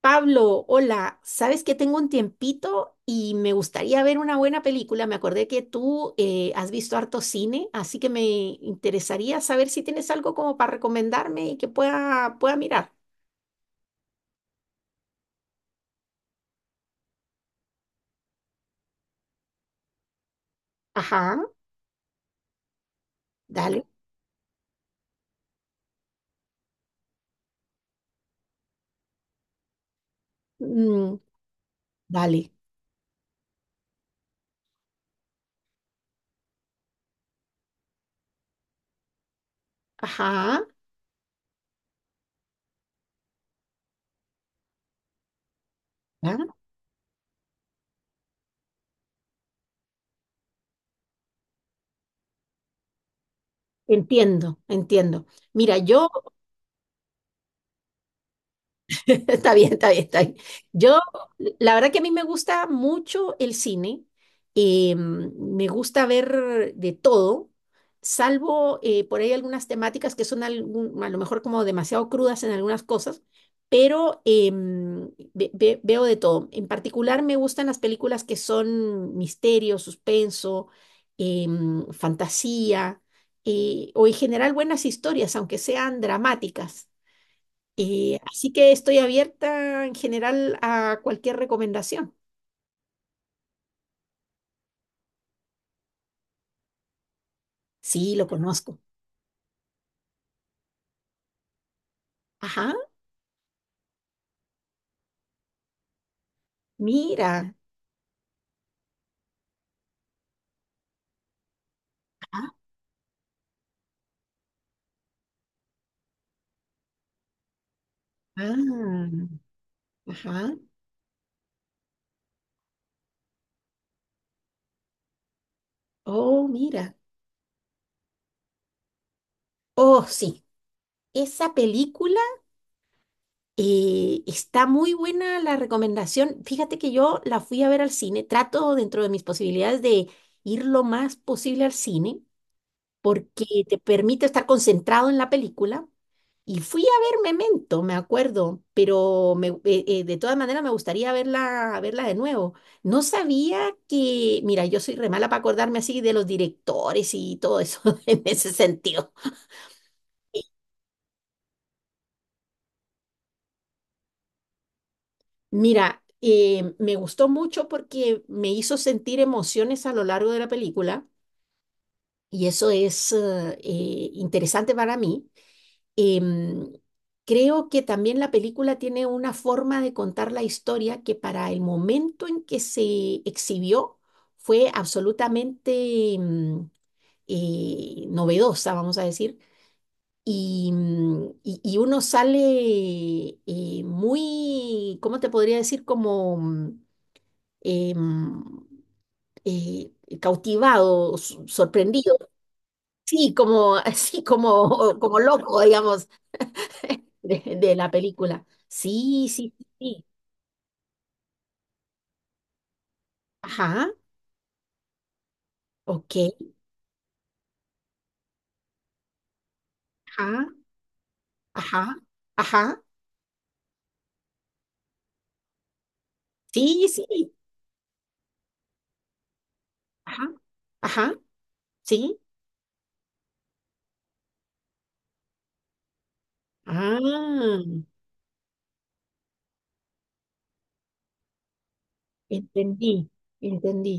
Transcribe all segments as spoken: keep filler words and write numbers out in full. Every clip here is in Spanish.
Pablo, hola, sabes que tengo un tiempito y me gustaría ver una buena película. Me acordé que tú eh, has visto harto cine, así que me interesaría saber si tienes algo como para recomendarme y que pueda, pueda mirar. Ajá, dale. Mm, dale. Ajá. ¿Ya? Entiendo, entiendo. Mira, yo. Está bien, está bien, está bien. Yo, la verdad que a mí me gusta mucho el cine. Eh, me gusta ver de todo, salvo eh, por ahí algunas temáticas que son algún- a lo mejor como demasiado crudas en algunas cosas, pero em, ve- ve- veo de todo. En particular me gustan las películas que son misterio, suspenso, em, fantasía, eh, o en general buenas historias, aunque sean dramáticas. Eh, así que estoy abierta en general a cualquier recomendación. Sí, lo conozco. Ajá, mira. Ajá, ah, ajá. Oh, mira. Oh, sí. Esa película eh, está muy buena la recomendación. Fíjate que yo la fui a ver al cine. Trato dentro de mis posibilidades de ir lo más posible al cine, porque te permite estar concentrado en la película. Y fui a ver Memento, me acuerdo, pero me- eh, eh, de todas maneras me gustaría verla, verla de nuevo. No sabía que, mira, yo soy re mala para acordarme así de los directores y todo eso en ese sentido. Mira, eh, me gustó mucho porque me hizo sentir emociones a lo largo de la película y eso es eh, eh, interesante para mí. Em, Creo que también la película tiene una forma de contar la historia que para el momento en que se exhibió fue absolutamente em, eh, novedosa, vamos a decir. Y, mm, y- y uno sale eh, muy, ¿cómo te podría decir? Como mm, em, eh, cautivado, s- sorprendido, sí, como, así como, como loco, digamos, de, de la película. Sí, sí, sí. Sí. Ajá, ok. Ajá, ajá, ajá. Sí, sí. Ajá, ajá, sí. Ah, entendí, entendí.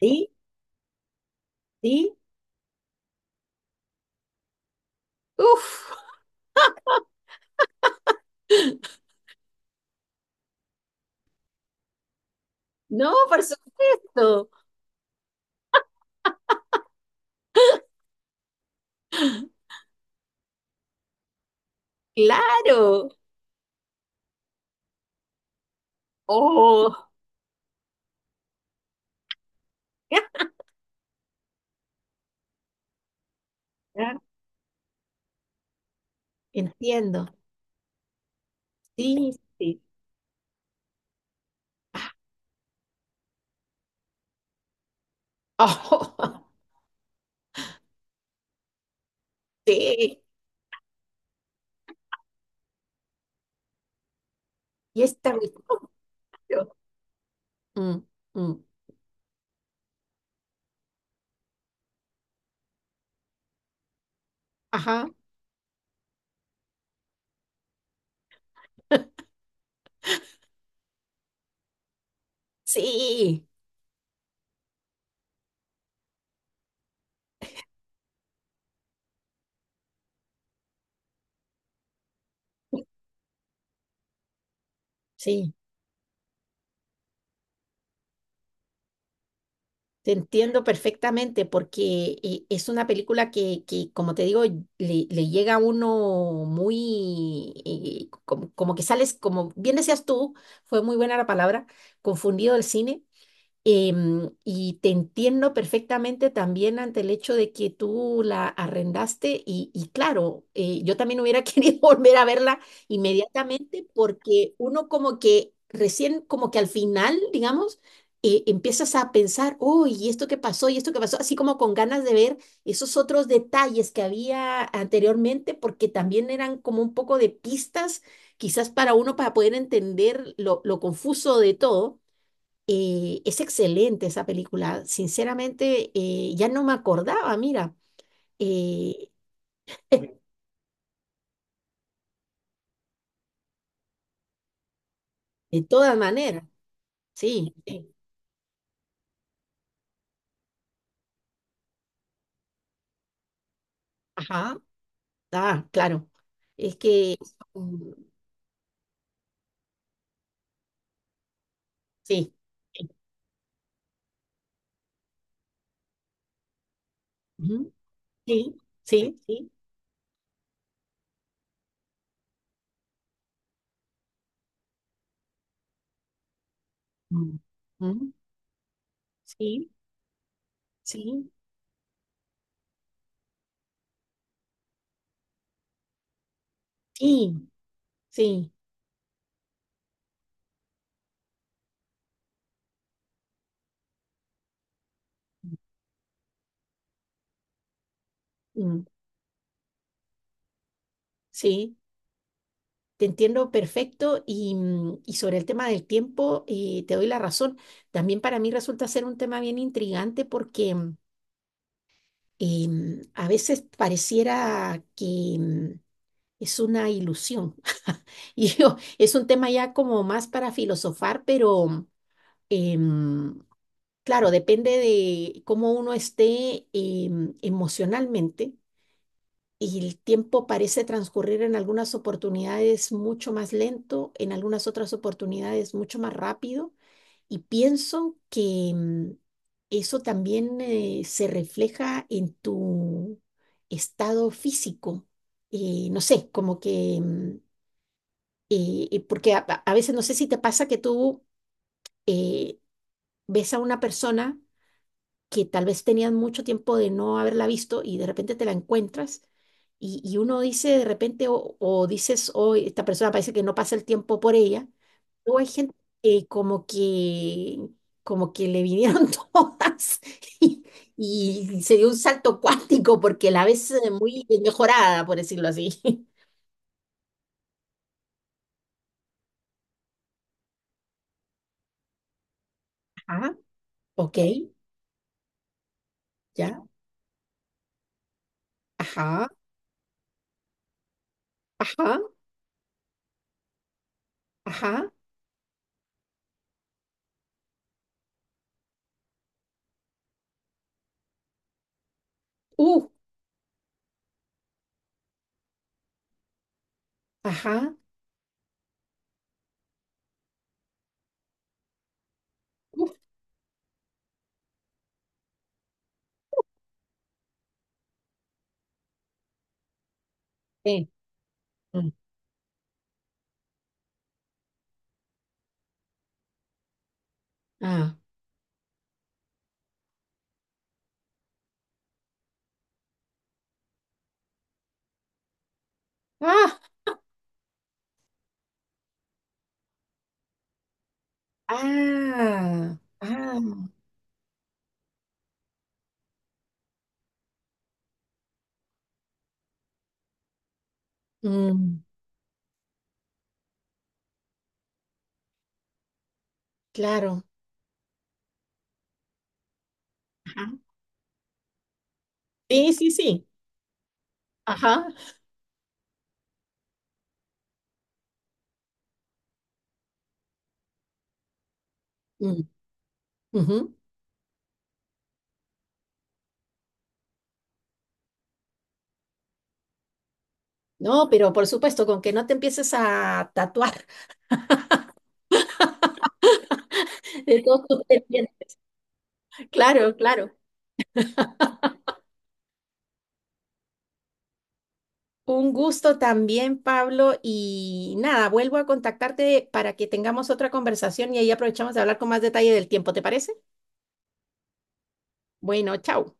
Sí, sí. Uf, no, por supuesto. Claro. Oh, ya, ya, entiendo. Sí, sí. Oh, sí. Y esta cuestión. Claro. Mm, mm. Ajá, sí. Sí, te entiendo perfectamente porque eh, es una película que, que, como te digo, le, le llega a uno muy, eh, como, como que sales, como bien decías tú, fue muy buena la palabra, confundido del cine. Em, y te entiendo perfectamente también ante el hecho de que tú la arrendaste y, y claro, eh, yo también hubiera querido volver a verla inmediatamente porque uno como que recién, como que al final, digamos, eh, empiezas a pensar, oh, y esto que pasó, y esto que pasó, así como con ganas de ver esos otros detalles que había anteriormente porque también eran como un poco de pistas quizás para uno para poder entender lo, lo confuso de todo. Eh, es excelente esa película. Sinceramente, eh, ya no me acordaba, mira, eh, de todas maneras, sí, sí. Ajá, ah, claro. Es que, mm, sí, sí, ujú, sí, sí, sí, mm, mm, sí, sí, sí, sí, mm, sí. Te entiendo perfecto y, mm, y sobre el tema del tiempo, eh, te doy la razón. También para mí resulta ser un tema bien intrigante porque... mm, eh, a veces pareciera que mm, es una ilusión. Y yo- es un tema ya como más para filosofar, pero em, claro, depende de cómo uno esté em, emocionalmente. Y el tiempo parece transcurrir en algunas oportunidades mucho más lento, en algunas otras oportunidades mucho más rápido. Y pienso que mm, eso también eh, se refleja en tu estado físico. Eh, no sé, como que, mm, eh, eh, porque a, a- a veces no sé si te pasa que tú eh, ves a una persona que tal vez tenías mucho tiempo de no haberla visto y de repente te la encuentras y, y uno dice de repente o, o dices, hoy esta persona parece que no pasa el tiempo por ella. Luego hay gente que como que, como que le vinieron todas y, y se dio un salto cuántico porque la ves eh, muy mejorada, por decirlo así. Ajá, ok, ya, ajá, ajá, ajá, uh, ajá, uh, eh, mm, ah, ah, ah, ah, mm, claro, ajá, sí, sí, sí, ajá, mm, ujú. No, pero por supuesto, con que no te empieces a tatuar. Estuvo súper bien. Claro, claro. Un gusto también, Pablo. Y nada, vuelvo a contactarte para que tengamos otra conversación y ahí aprovechamos de hablar con más detalle del tiempo, ¿te parece? Bueno, chao.